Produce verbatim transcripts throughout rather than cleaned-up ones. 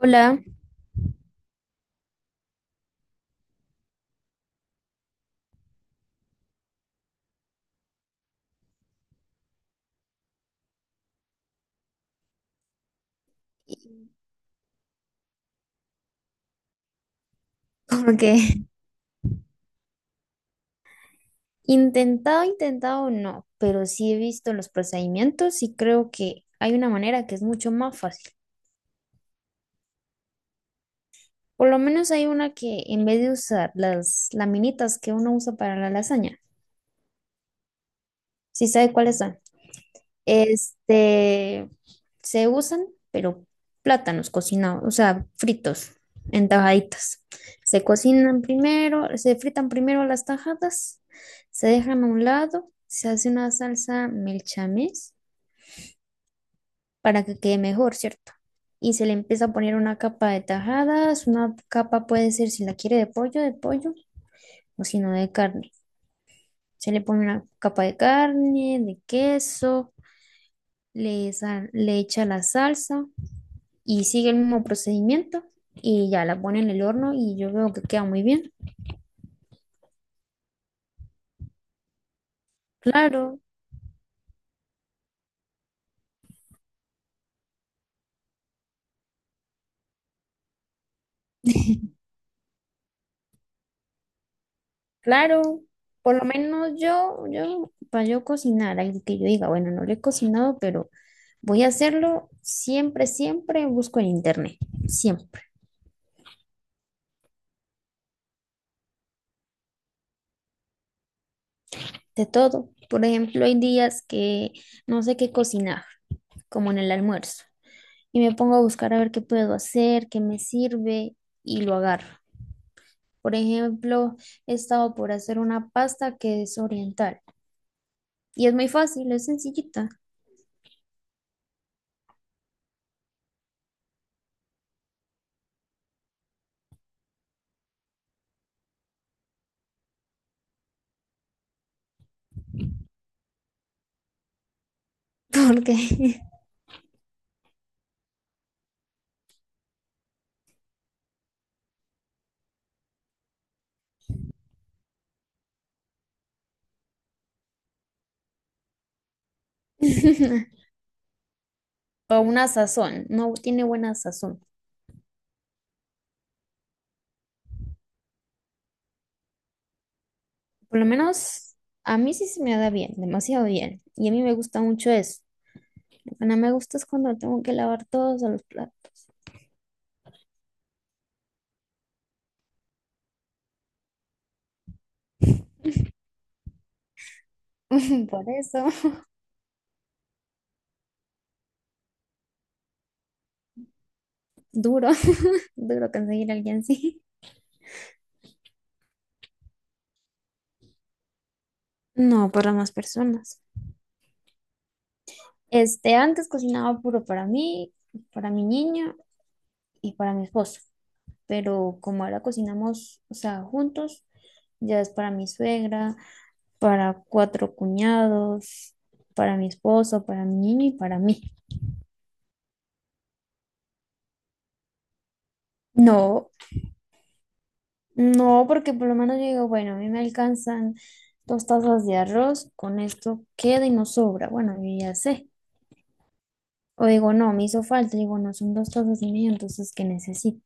Hola, y como que intentado, intentado no, pero sí he visto los procedimientos y creo que hay una manera que es mucho más fácil. Por lo menos hay una que en vez de usar las laminitas que uno usa para la lasaña, ¿sí sabe cuáles son? Este, se usan, pero plátanos cocinados, o sea, fritos en tajaditas. Se cocinan primero, se fritan primero las tajadas, se dejan a un lado, se hace una salsa melchames para que quede mejor, ¿cierto? Y se le empieza a poner una capa de tajadas, una capa puede ser si la quiere de pollo, de pollo, o si no de carne. Se le pone una capa de carne, de queso, le, sa- le echa la salsa y sigue el mismo procedimiento y ya la pone en el horno y yo veo que queda muy bien. Claro, claro. Por lo menos yo, yo, para yo cocinar, algo que yo diga, bueno, no lo he cocinado, pero voy a hacerlo siempre, siempre busco en internet, siempre, de todo. Por ejemplo, hay días que no sé qué cocinar, como en el almuerzo, y me pongo a buscar a ver qué puedo hacer, qué me sirve y lo agarro. Por ejemplo, he estado por hacer una pasta que es oriental y es muy fácil, es sencillita. Porque o una sazón, no tiene buena sazón. Por lo menos a mí sí se me da bien, demasiado bien. Y a mí me gusta mucho eso. Lo que no me gusta es cuando tengo que lavar todos los platos. Por eso, duro, duro conseguir a alguien así. No, para más personas. Este, antes cocinaba puro para mí, para mi niño y para mi esposo. Pero como ahora cocinamos, o sea, juntos, ya es para mi suegra, para cuatro cuñados, para mi esposo, para mi niño y para mí. No, no, porque por lo menos yo digo, bueno, a mí me alcanzan dos tazas de arroz, con esto queda y no sobra. Bueno, yo ya sé. O digo, no, me hizo falta, digo, no, son dos tazas y media, entonces, ¿qué necesito?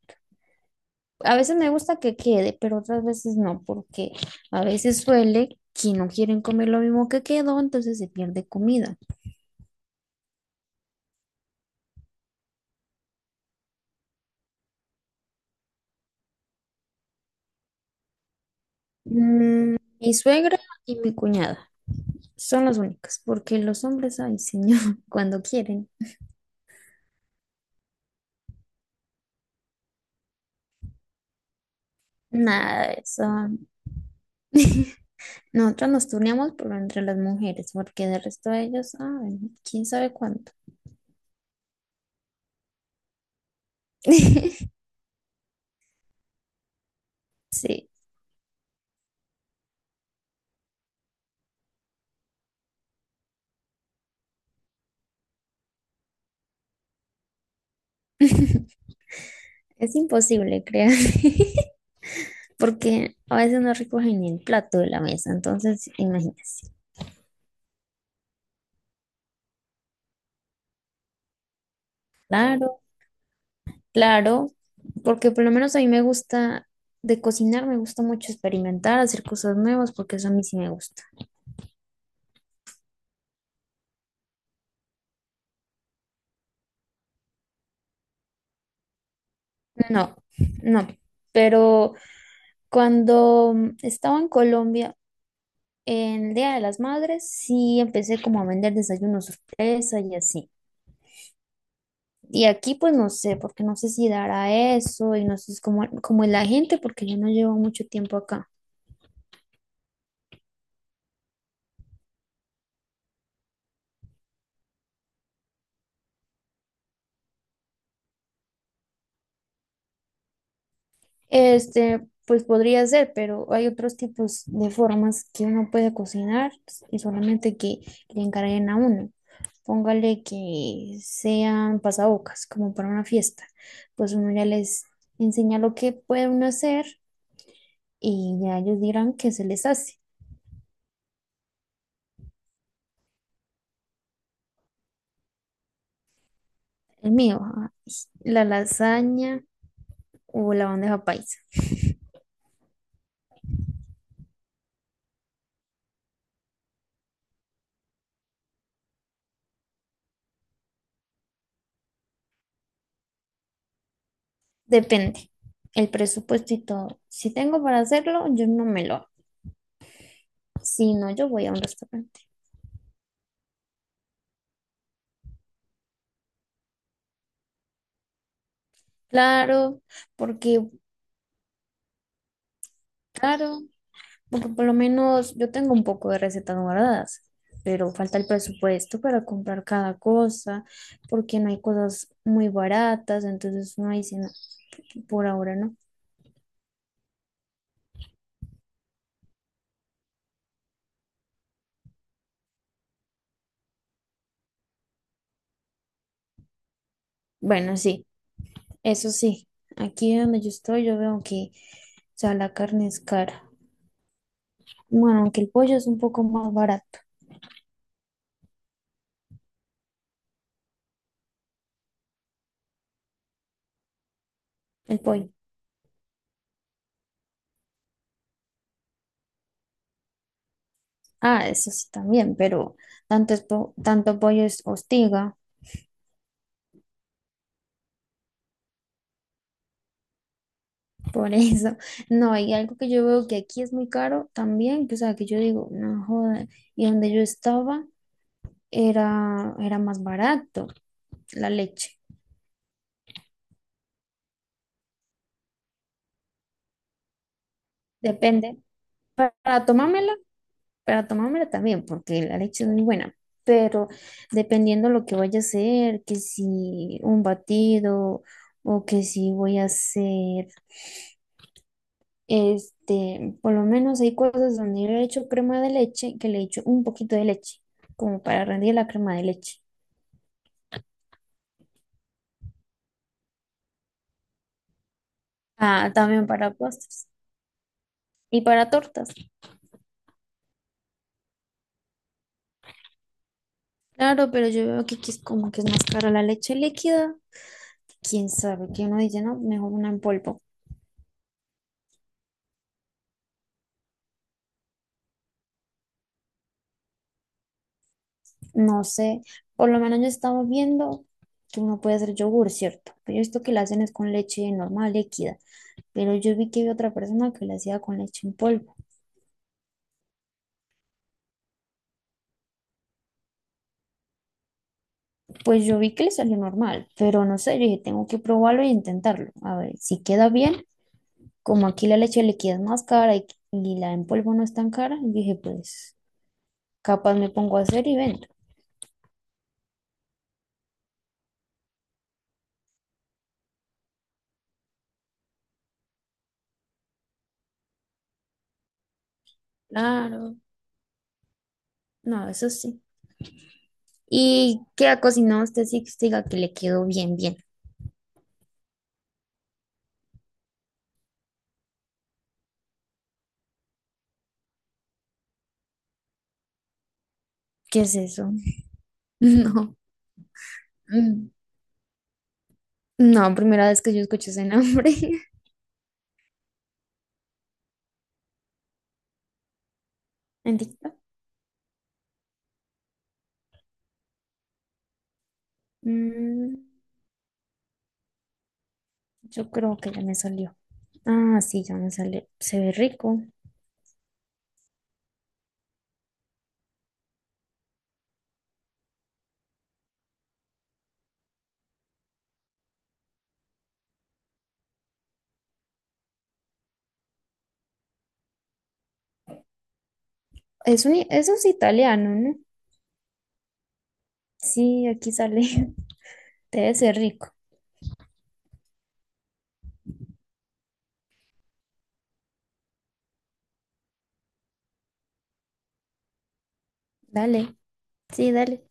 A veces me gusta que quede, pero otras veces no, porque a veces suele que no quieren comer lo mismo que quedó, entonces se pierde comida. Mm, mi suegra y mi cuñada. Son los únicos, porque los hombres, ay, señor, cuando quieren. Nada, de eso. Nosotros nos turneamos, pero entre las mujeres, porque del resto de ellos, ay, quién sabe cuánto. Sí, es imposible, créanme, porque a veces no recogen ni el plato de la mesa, entonces imagínense. Claro, claro, porque por lo menos a mí me gusta de cocinar, me gusta mucho experimentar, hacer cosas nuevas, porque eso a mí sí me gusta. No, no, pero cuando mm, estaba en Colombia, en el Día de las Madres, sí empecé como a vender desayunos sorpresa y así. Y aquí pues no sé, porque no sé si dará eso y no sé es cómo, cómo es la gente, porque yo no llevo mucho tiempo acá. Este, pues podría ser, pero hay otros tipos de formas que uno puede cocinar y solamente que le encarguen a uno. Póngale que sean pasabocas, como para una fiesta. Pues uno ya les enseña lo que puede uno hacer y ya ellos dirán qué se les hace. El mío, ah, la lasaña o la bandeja paisa. Depende. El presupuesto y todo. Si tengo para hacerlo, yo no me lo hago. Si no, yo voy a un restaurante. Claro, porque, claro, porque por lo menos yo tengo un poco de recetas guardadas, pero falta el presupuesto para comprar cada cosa, porque no hay cosas muy baratas, entonces uno dice, no, por ahora no. Bueno, sí. Eso sí, aquí donde yo estoy, yo veo que, o sea, la carne es cara. Bueno, aunque el pollo es un poco más barato, el pollo. Ah, eso sí también, pero tanto, es po- tanto pollo es hostiga, por eso. No, hay algo que yo veo que aquí es muy caro también, que, o sea, que yo digo, no joda. Y donde yo estaba era, era más barato la leche. Depende. Para tomármela para tomármela también, porque la leche es muy buena, pero dependiendo lo que vaya a hacer, que si un batido o que si voy a hacer, este, por lo menos hay cosas donde yo le he hecho crema de leche, que le he hecho un poquito de leche, como para rendir la crema de leche. Ah, también para postres y para tortas. Claro, pero yo veo que aquí es como que es más cara la leche líquida. Quién sabe, que uno dice, no, mejor una en polvo. No sé, por lo menos ya estamos viendo que uno puede hacer yogur, ¿cierto? Pero esto que la hacen es con leche normal, líquida. Pero yo vi que había otra persona que la hacía con leche en polvo. Pues yo vi que le salió normal, pero no sé, yo dije, tengo que probarlo e intentarlo. A ver, si queda bien, como aquí la leche líquida es más cara y, y la en polvo no es tan cara, yo dije, pues capaz me pongo a hacer y vendo. Claro. No, eso sí. ¿Y qué ha cocinado usted sí que usted diga que le quedó bien, bien? ¿Qué es eso? No. No, primera vez que yo escucho ese nombre en TikTok. Mm, yo creo que ya me salió. Ah, sí, ya me sale. Se ve rico. Es un, eso es italiano, ¿no? Sí, aquí sale. Debe ser rico. Dale. Sí, dale.